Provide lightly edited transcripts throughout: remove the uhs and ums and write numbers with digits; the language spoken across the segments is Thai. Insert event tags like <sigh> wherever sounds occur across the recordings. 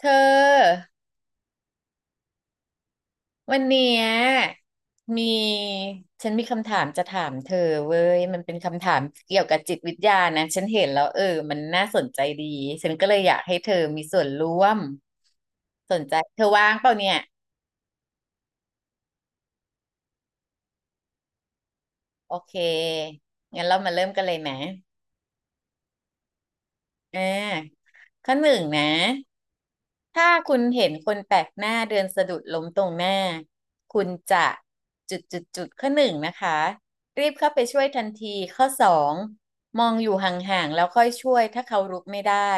เธอวันเนี้ยมีฉันมีคำถามจะถามเธอเว้ยมันเป็นคำถามเกี่ยวกับจิตวิทยานะฉันเห็นแล้วเออมันน่าสนใจดีฉันก็เลยอยากให้เธอมีส่วนร่วมสนใจเธอว่างเปล่าเนี่ยโอเคงั้นเรามาเริ่มกันเลยไหมอ่าข้อหนึ่งนะ ถ้าคุณเห็นคนแปลกหน้าเดินสะดุดล้มตรงหน้าคุณจะจุดจุดจุดข้อหนึ่งนะคะรีบเข้าไปช่วยทันทีข้อสองมองอยู่ห่างๆแล้วค่อยช่วยถ้าเขารุกไม่ได้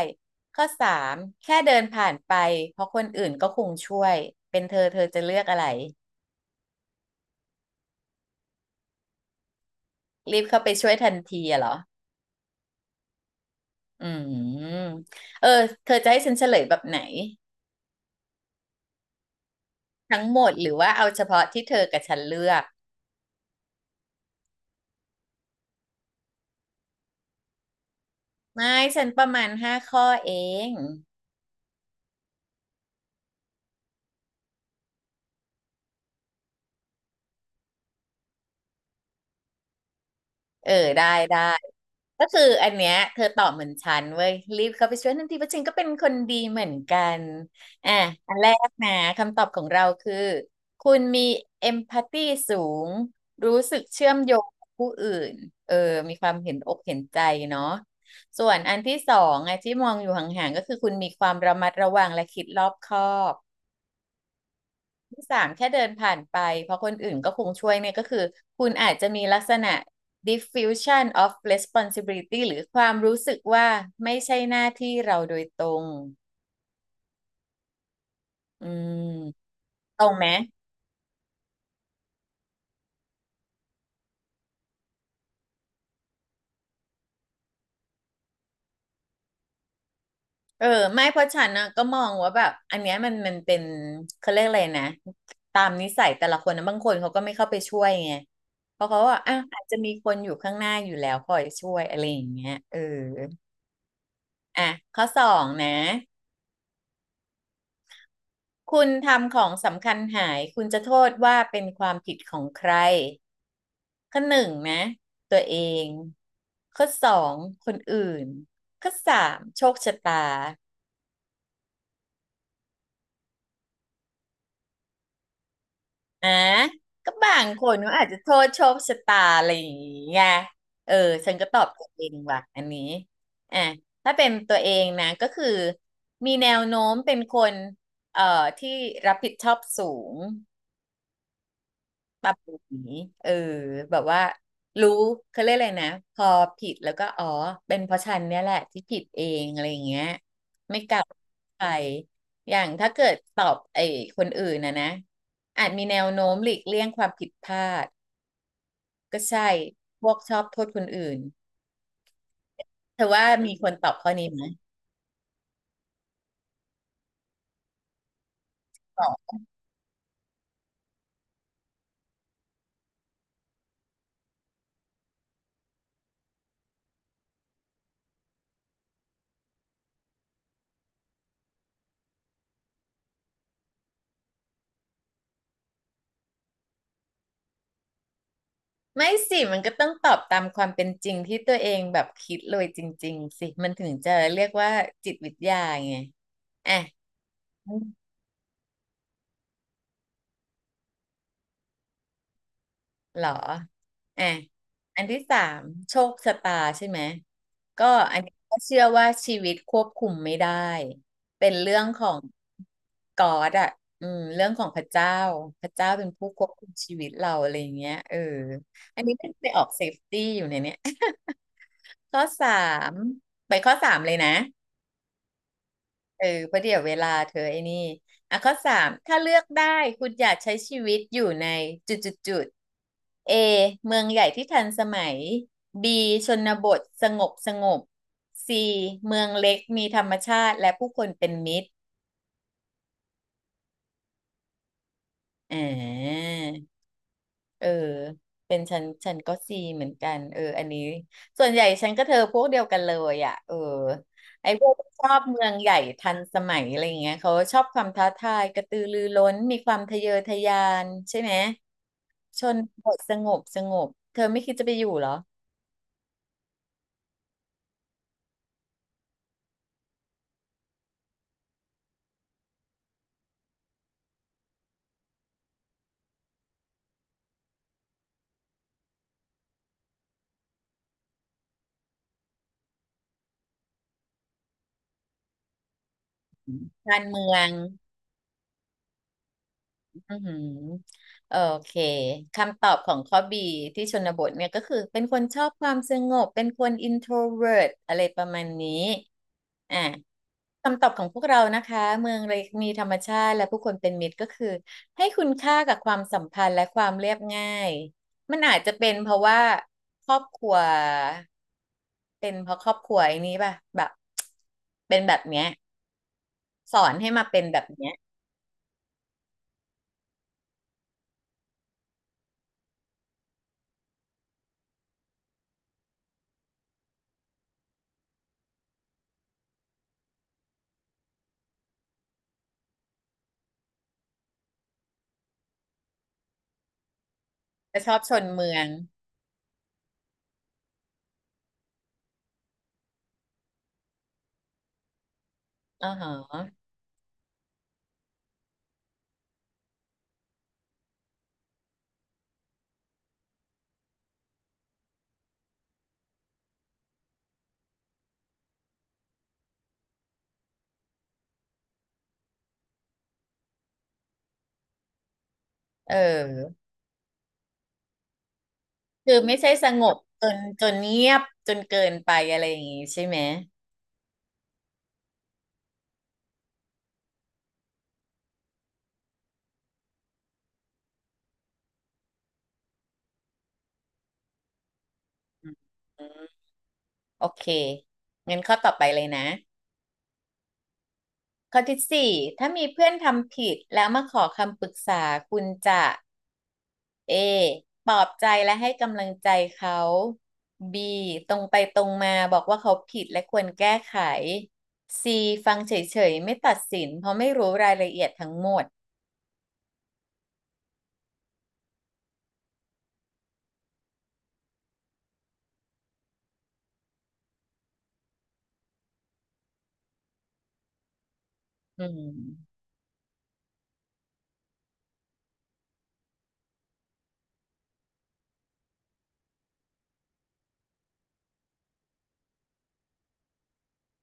ข้อสามแค่เดินผ่านไปเพราะคนอื่นก็คงช่วยเป็นเธอจะเลือกอะไรรีบเข้าไปช่วยทันทีอะเหรออืมเออเธอจะให้ฉันเฉลยแบบไหนทั้งหมดหรือว่าเอาเฉพาะที่เธอกับฉันเลือกไม่ฉันประมาณห้าข้อเอง เออได้ได้ก็คืออันเนี้ยเธอตอบเหมือนฉันเว้ยรีบเข้าไปช่วยทันทีเพราะฉันก็เป็นคนดีเหมือนกันอ่ะอันแรกนะคำตอบของเราคือคุณมีเอมพัตตีสูงรู้สึกเชื่อมโยงกับผู้อื่นเออมีความเห็นอกเห็นใจเนาะส่วนอันที่สองอ่ะที่มองอยู่ห่างๆก็คือคุณมีความระมัดระวังและคิดรอบคอบ ที่สามแค่เดินผ่านไปเพราะคนอื่นก็คงช่วยเนี่ยก็คือคุณอาจจะมีลักษณะ diffusion of responsibility หรือความรู้สึกว่าไม่ใช่หน้าที่เราโดยตรงอืมตรงไหมเออไม่เพราะฉันนะก็มองว่าแบบอันเนี้ยมันเป็นเขาเรียกอะไรนะตามนิสัยแต่ละคนนะบางคนเขาก็ไม่เข้าไปช่วยไงเพราะเขาว่าอ่ะอาจจะมีคนอยู่ข้างหน้าอยู่แล้วคอยช่วยอะไรอย่างเงี้ยเอออ่ะข้อสองนะ คุณทำของสำคัญหายคุณจะโทษว่าเป็นความผิดของใครข้อหนึ่งนะตัวเองข้อสองคนอื่นข้อสามโชคชะตาอ่ะก็บางคนก็อาจจะโทษโชคชะตาอะไรอย่างเงี้ยเออฉันก็ตอบตัวเองว่ะอันนี้อ่ะถ้าเป็นตัวเองนะก็คือมีแนวโน้มเป็นคนเอ่อที่รับผิดชอบสูง ปรับปรุงหนีเออแบบว่ารู้เขาเรียกอะไรนะพอผิดแล้วก็อ๋อเป็นเพราะฉันเนี่ยแหละที่ผิดเองอะไรอย่างเงี้ยไม่กลับไปอย่างถ้าเกิดตอบไอ้คนอื่นนะนะอาจมีแนวโน้มหลีกเลี่ยงความผิดพลาดก็ใช่พวกชอบโทษคนอื่นเธอว่ามีคนตอบข้อนี้ไหมตอบไม่สิมันก็ต้องตอบตามความเป็นจริงที่ตัวเองแบบคิดเลยจริงๆสิมันถึงจะเรียกว่าจิตวิทยาไงอ่ะ เหรออ่ะอันที่สามโชคชะตาใช่ไหม ก็อันนี้ก็เชื่อว่าชีวิตควบคุมไม่ได้ เป็นเรื่องของกอดอ่ะอืมเรื่องของพระเจ้า พระเจ้าเป็นผู้ควบคุมชีวิตเราอะไรอย่างเงี้ยเอออันนี้ก็ไปออกเซฟตี้อยู่ในเนี้ย <laughs> ข้อสามไปข้อสามเลยนะ เออเพราะเดี๋ยวเวลาเธอไอ้นี่อ่ะข้อสามถ้าเลือกได้คุณอยากใช้ชีวิตอยู่ในจุดจุดจุด A เมืองใหญ่ที่ทันสมัย B ชนบทสงบสงบ C เมืองเล็กมีธรรมชาติและผู้คนเป็นมิตรอ่า เออเป็นฉันก็ซีเหมือนกันเอออันนี้ส่วนใหญ่ฉันก็เธอพวกเดียวกันเลยอ่ะเออไอ้พวกชอบเมืองใหญ่ทันสมัยอะไรอย่างเงี้ยเขาชอบความท้าทายกระตือรือร้นมีความทะเยอทะยานใช่ไหมชนบทสงบสงบเธอไม่คิดจะไปอยู่เหรอการเมือง อือหือโอเคคำตอบของข้อบีที่ชนบทเนี่ยก็คือเป็นคนชอบความสงบเป็นคน introvert อะไรประมาณนี้อ่ะคำตอบของพวกเรานะคะเมืองเล็กมีธรรมชาติและผู้คนเป็นมิตรก็คือให้คุณค่ากับความสัมพันธ์และความเรียบง่ายมันอาจจะเป็นเพราะว่าครอบครัวเป็นเพราะครอบครัวไอ้นี้ป่ะแบบเป็นแบบเนี้ยสอนให้มาเป็นแบบเนี้ยจะชอบชนเมืองอ๋อฮะ เออคือไม่ใช่สงบจนเงียบจนเกินไปอะไรอย่างงี้ใช่ไหมอืมโอเคงั้นข้อต่อไปเลยนะข้อที่สี่ถ้ามีเพื่อนทำผิดแล้วมาขอคำปรึกษาคุณจะ A ปลอบใจและให้กำลังใจเขา B ตรงไปตรงมาบอกว่าเขาผิดและควรแก้ไข C ฟังเฉยๆไม่ตัดสินเพราะไม่รู้รายละเอียดทั้งหมดอืม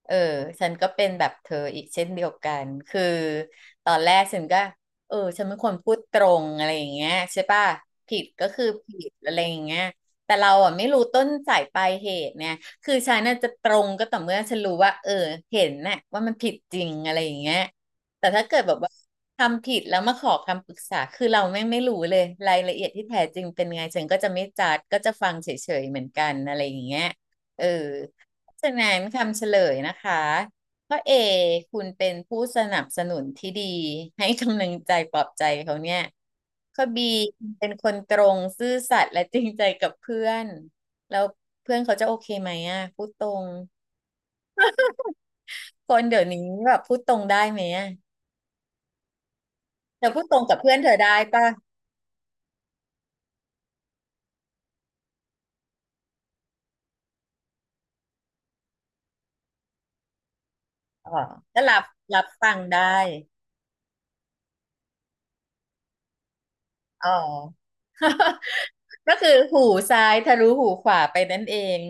เออฉันก็เป็นแบบเธออีกเช่นเดียวกันคือตอนแรกฉันก็ฉันเป็นคนพูดตรงอะไรอย่างเงี้ยใช่ป่ะผิดก็คือผิดอะไรอย่างเงี้ยแต่เราอ่ะไม่รู้ต้นสายปลายเหตุเนี่ยคือฉันน่ะจะตรงก็ต่อเมื่อฉันรู้ว่าเห็นน่ะว่ามันผิดจริงอะไรอย่างเงี้ยแต่ถ้าเกิดแบบว่าทำผิดแล้วมาขอคำปรึกษาคือเราไม่รู้เลยรายละเอียดที่แท้จริงเป็นไงฉันก็จะไม่จัดก็จะฟังเฉยๆเหมือนกันอะไรอย่างเงี้ยเออ ฉะนั้นคำเฉลยนะคะข้อเอคุณเป็นผู้สนับสนุนที่ดีให้กำลังใจปลอบใจเขาเนี่ยข้อบีเป็นคนตรงซื่อสัตย์และจริงใจกับเพื่อนแล้วเพื่อนเขาจะโอเคไหมอ่ะพูดตรงคนเดี๋ยวนี้แบบพูดตรงได้ไหมอ่ะเธอพูดตรงกับเพื่อนเธอได้ป่ะอ๋อก็รับฟังได้อ๋อ <laughs> ก็คือหูซ้ายทะลุหูขวาไปนั่นเอง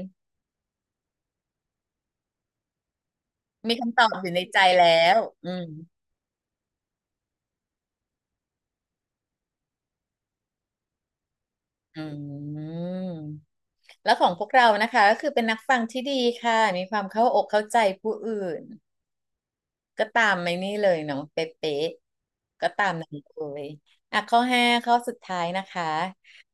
มีคำตอบอยู่ในใจแล้วอืม อืมแล้วของพวกเรานะคะก็คือเป็นนักฟังที่ดีค่ะมีความเข้าอกเข้าใจผู้อื่นก็ตามในนี่เลยเนาะเป๊ะๆก็ตามนั้นเลยอ่ะข้อห้าข้อสุดท้ายนะคะ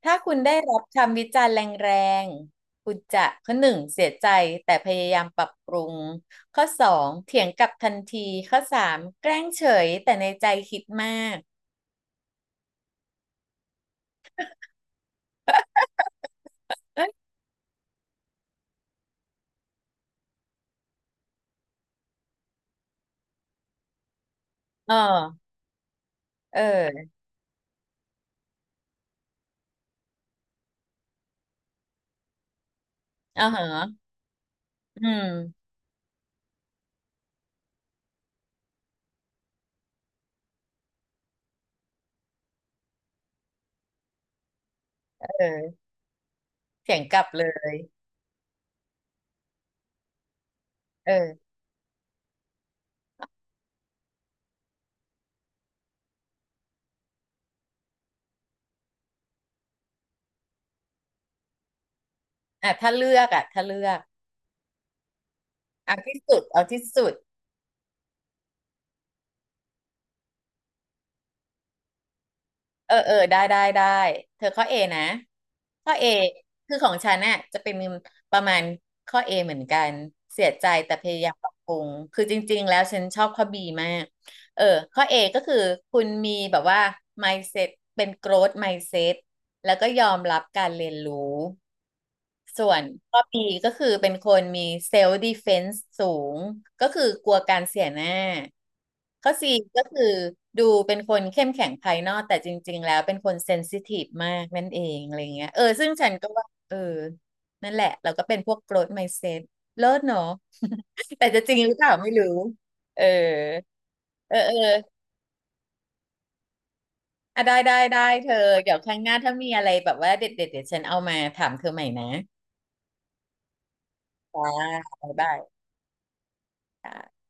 ถ้าคุณได้รับคำวิจารณ์แรงๆคุณจะข้อหนึ่งเสียใจแต่พยายามปรับปรุงข้อสองเถียงกลับทันทีข้อสามแกล้งเฉยแต่ในใจคิดมากอ๋อเอออ๋อเหรออืมเออเถียงกลับเลย เอออ่ะถ้าเลือกอ่ะถ้าเลือก เอาที่สุด เอาที่สุด เออเออ ได้ได้ได้ เธอข้อเอนะ ข้อเอคือของฉันน่ะจะเป็นประมาณข้อเอเหมือนกัน เสียใจแต่พยายามปรับปรุง คือจริงๆแล้วฉันชอบข้อบีมาก เออข้อ A ก็คือคุณมีแบบว่า mindset เป็น growth mindset แล้วก็ยอมรับการเรียนรู้ส่วนข้อ B ก็คือเป็นคนมี self defense สูงก็คือกลัวการเสียหน้าข้อ C ก็คือดูเป็นคนเข้มแข็งภายนอกแต่จริงๆแล้วเป็นคน sensitive มากนั่นเองอะไรเงี้ยเออซึ่งฉันก็ว่าเออนั่นแหละเราก็เป็นพวก growth mindset เลิศเนอะ <laughs> แต่จะจริงหรือเปล่าไม่รู้เออเออเออ อ่ะได้ได้ได้เธอเดี๋ยวครั้งหน้าถ้ามีอะไรแบบว่าเด็ดเด็ดเดี๋ยวฉันเอามาถามเธอใหม่นะจ้าบ๊ายบายค่ะ